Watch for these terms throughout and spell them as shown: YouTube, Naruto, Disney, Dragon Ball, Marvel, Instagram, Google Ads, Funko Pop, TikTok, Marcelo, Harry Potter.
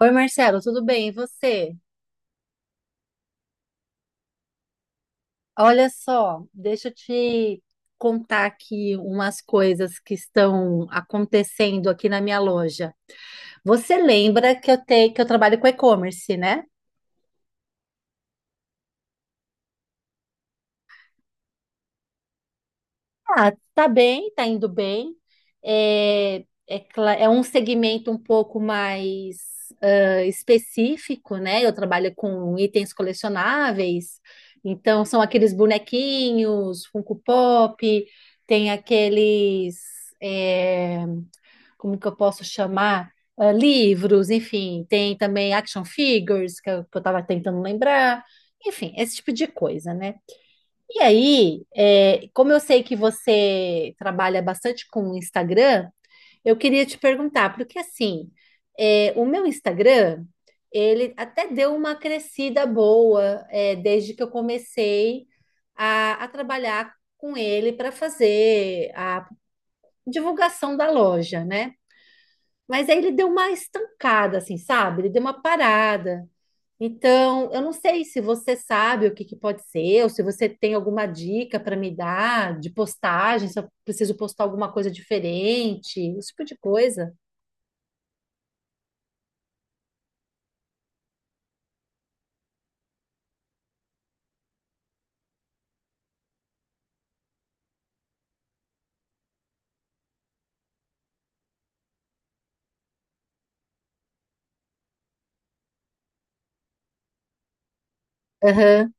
Oi, Marcelo, tudo bem? E você? Olha só, deixa eu te contar aqui umas coisas que estão acontecendo aqui na minha loja. Você lembra que eu tenho que eu trabalho com e-commerce, né? Ah, tá bem, tá indo bem. É é um segmento um pouco mais específico, né? Eu trabalho com itens colecionáveis, então são aqueles bonequinhos, Funko Pop, tem aqueles, é, como que eu posso chamar? Ah, livros, enfim, tem também action figures, que eu tava tentando lembrar, enfim, esse tipo de coisa, né? E aí, como eu sei que você trabalha bastante com o Instagram, eu queria te perguntar, porque assim, o meu Instagram, ele até deu uma crescida boa, desde que eu comecei a trabalhar com ele para fazer a divulgação da loja, né? Mas aí ele deu uma estancada, assim, sabe? Ele deu uma parada. Então, eu não sei se você sabe o que que pode ser, ou se você tem alguma dica para me dar de postagem, se eu preciso postar alguma coisa diferente, esse tipo de coisa. Aham,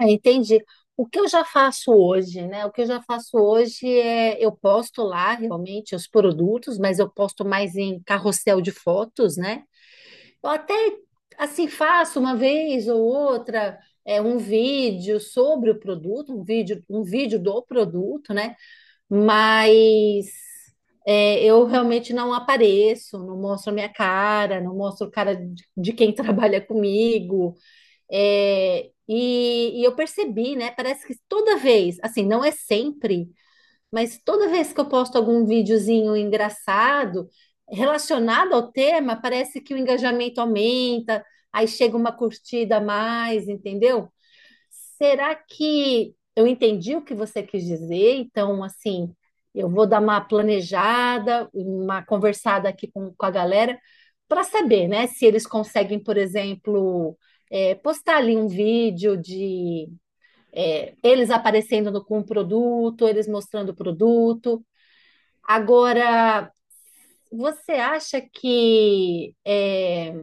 entendi. O que eu já faço hoje, né? O que eu já faço hoje é eu posto lá realmente os produtos, mas eu posto mais em carrossel de fotos, né? Eu até assim faço uma vez ou outra um vídeo sobre o produto, um vídeo do produto, né? Mas eu realmente não apareço, não mostro a minha cara, não mostro a cara de quem trabalha comigo. E eu percebi, né? Parece que toda vez, assim, não é sempre, mas toda vez que eu posto algum videozinho engraçado relacionado ao tema, parece que o engajamento aumenta, aí chega uma curtida a mais, entendeu? Será que eu entendi o que você quis dizer? Então, assim, eu vou dar uma planejada, uma conversada aqui com a galera, para saber, né, se eles conseguem, por exemplo, postar ali um vídeo de eles aparecendo com o produto, eles mostrando o produto. Agora, você acha que. É,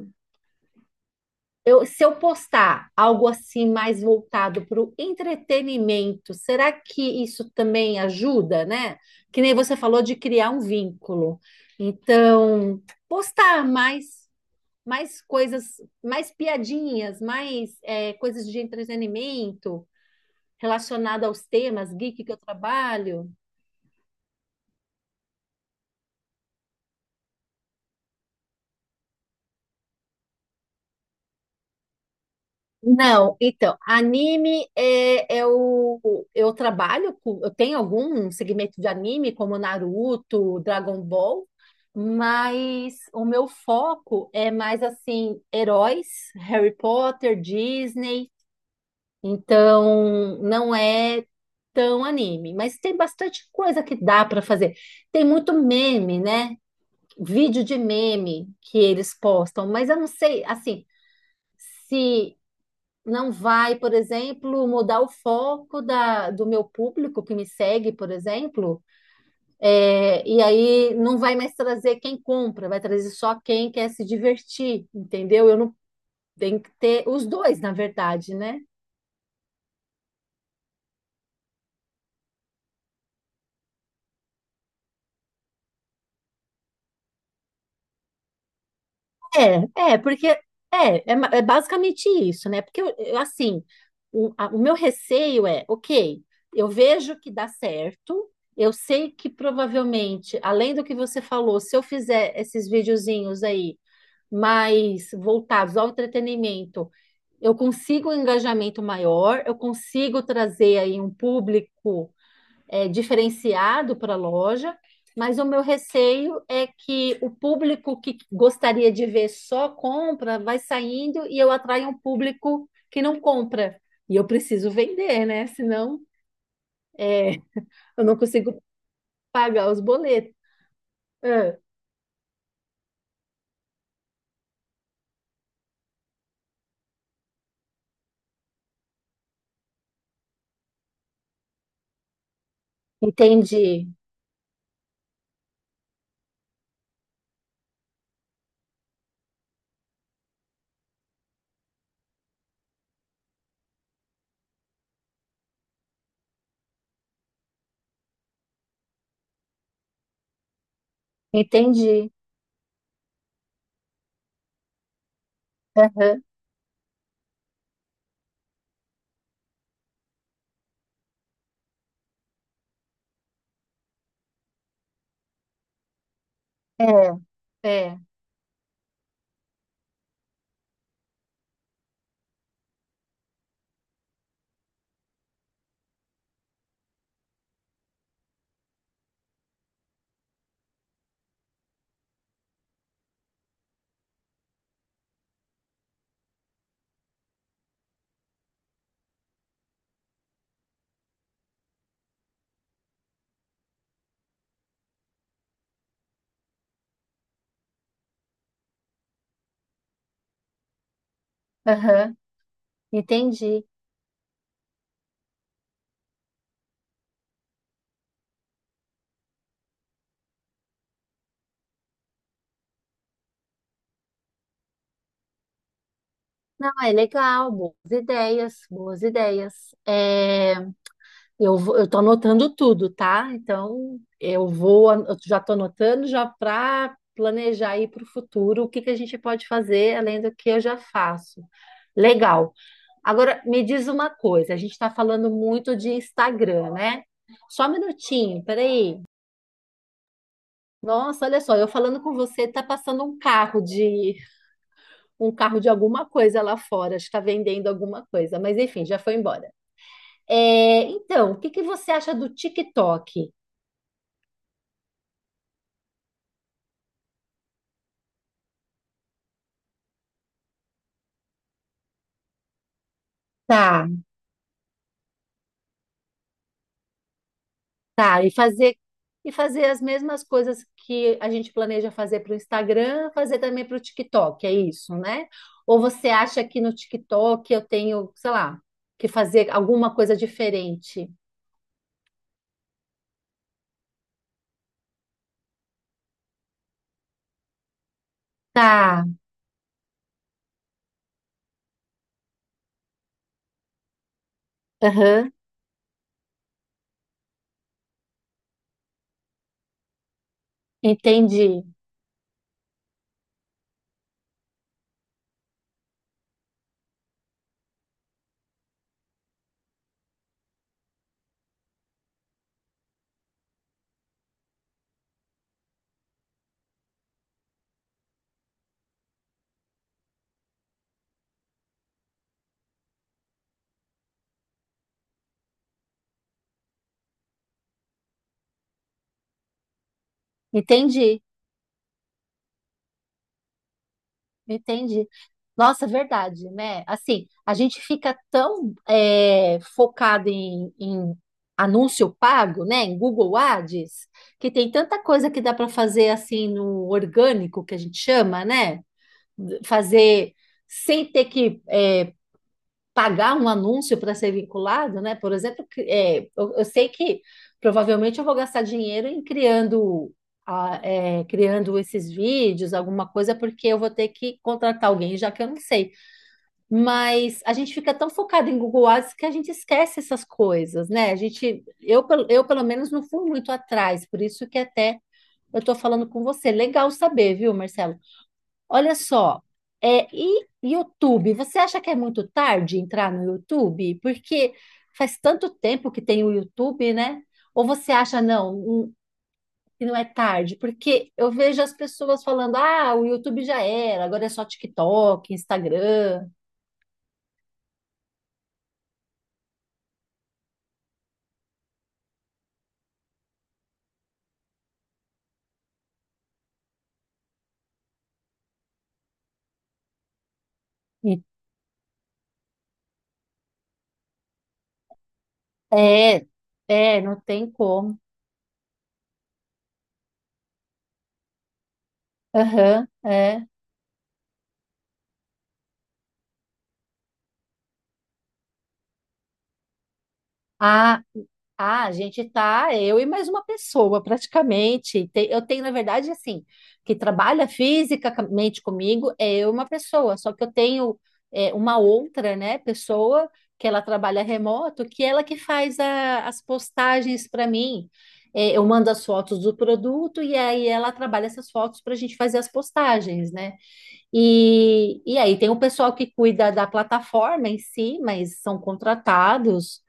Eu, se eu postar algo assim mais voltado para o entretenimento, será que isso também ajuda, né? Que nem você falou de criar um vínculo. Então, postar mais, mais coisas, mais piadinhas, mais coisas de entretenimento relacionado aos temas geek que eu trabalho. Não, então, anime é, é o. Eu trabalho com. Eu tenho algum segmento de anime, como Naruto, Dragon Ball, mas o meu foco é mais assim: heróis, Harry Potter, Disney. Então, não é tão anime, mas tem bastante coisa que dá para fazer. Tem muito meme, né? Vídeo de meme que eles postam, mas eu não sei, assim. Se não vai, por exemplo, mudar o foco da, do meu público que me segue, por exemplo, e aí não vai mais trazer quem compra, vai trazer só quem quer se divertir, entendeu? Eu não tenho que ter os dois, na verdade, né? Porque é basicamente isso, né? Porque eu, assim, o meu receio é, ok, eu vejo que dá certo, eu sei que provavelmente, além do que você falou, se eu fizer esses videozinhos aí mais voltados ao entretenimento, eu consigo um engajamento maior, eu consigo trazer aí um público diferenciado para a loja, mas o meu receio é que o público que gostaria de ver só compra vai saindo e eu atraio um público que não compra. E eu preciso vender, né? Senão é, eu não consigo pagar os boletos. Ah, entendi, entendi. Aham, É, é, aham. Entendi. Não, é legal, boas ideias, boas ideias. É, eu tô anotando tudo, tá? Então, eu já tô anotando já para planejar aí para o futuro o que que a gente pode fazer além do que eu já faço. Legal. Agora, me diz uma coisa, a gente está falando muito de Instagram, né? Só um minutinho, peraí. Nossa, olha só, eu falando com você, tá passando um carro de alguma coisa lá fora, está vendendo alguma coisa, mas enfim, já foi embora. Então, o que que você acha do TikTok? Tá, tá, e fazer as mesmas coisas que a gente planeja fazer para o Instagram, fazer também para o TikTok, é isso, né? Ou você acha que no TikTok eu tenho, sei lá, que fazer alguma coisa diferente? Tá, aham, entendi, entendi. Entendi. Nossa, verdade, né? Assim, a gente fica tão focado em anúncio pago, né? Em Google Ads, que tem tanta coisa que dá para fazer assim no orgânico, que a gente chama, né? Fazer sem ter que pagar um anúncio para ser vinculado, né? Por exemplo, eu sei que provavelmente eu vou gastar dinheiro em criando, criando esses vídeos, alguma coisa, porque eu vou ter que contratar alguém, já que eu não sei. Mas a gente fica tão focado em Google Ads que a gente esquece essas coisas, né? A gente, eu pelo menos não fui muito atrás, por isso que até eu estou falando com você. Legal saber, viu, Marcelo? Olha só, e YouTube? Você acha que é muito tarde entrar no YouTube? Porque faz tanto tempo que tem o YouTube, né? Ou você acha, não, que não é tarde? Porque eu vejo as pessoas falando, ah, o YouTube já era, agora é só TikTok, Instagram. E- É, é, não tem como. Aham, é. Ah, Ah, a gente tá, eu e mais uma pessoa, praticamente. Eu tenho, na verdade, assim, que trabalha fisicamente comigo, é eu e uma pessoa, só que eu tenho uma outra, né, pessoa que ela trabalha remoto, que ela que faz as postagens para mim. Eu mando as fotos do produto e aí ela trabalha essas fotos para a gente fazer as postagens, né? E aí tem o pessoal que cuida da plataforma em si, mas são contratados,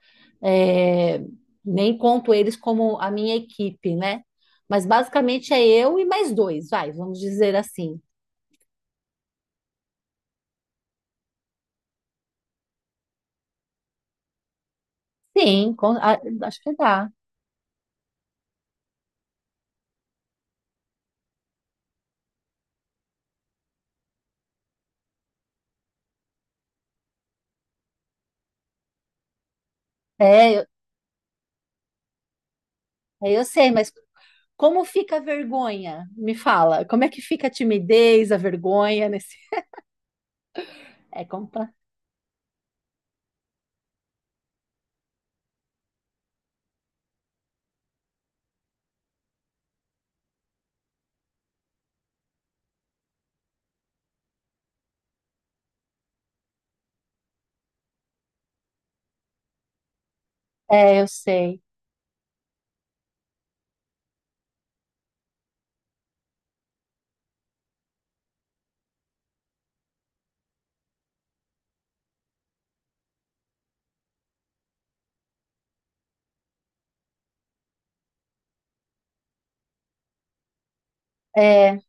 é, nem conto eles como a minha equipe, né? Mas basicamente é eu e mais dois, vai, vamos dizer assim. Sim, acho que dá. É, eu, eu sei, mas como fica a vergonha? Me fala, como é que fica a timidez, a vergonha nesse... É, compla... eu sei. É,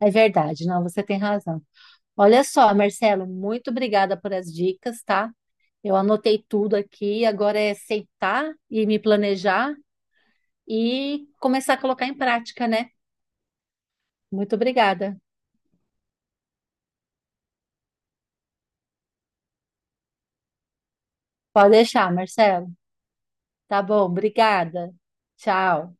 é verdade, não, você tem razão. Olha só, Marcelo, muito obrigada por as dicas, tá? Eu anotei tudo aqui, agora é sentar e me planejar e começar a colocar em prática, né? Muito obrigada. Pode deixar, Marcelo. Tá bom, obrigada. Tchau.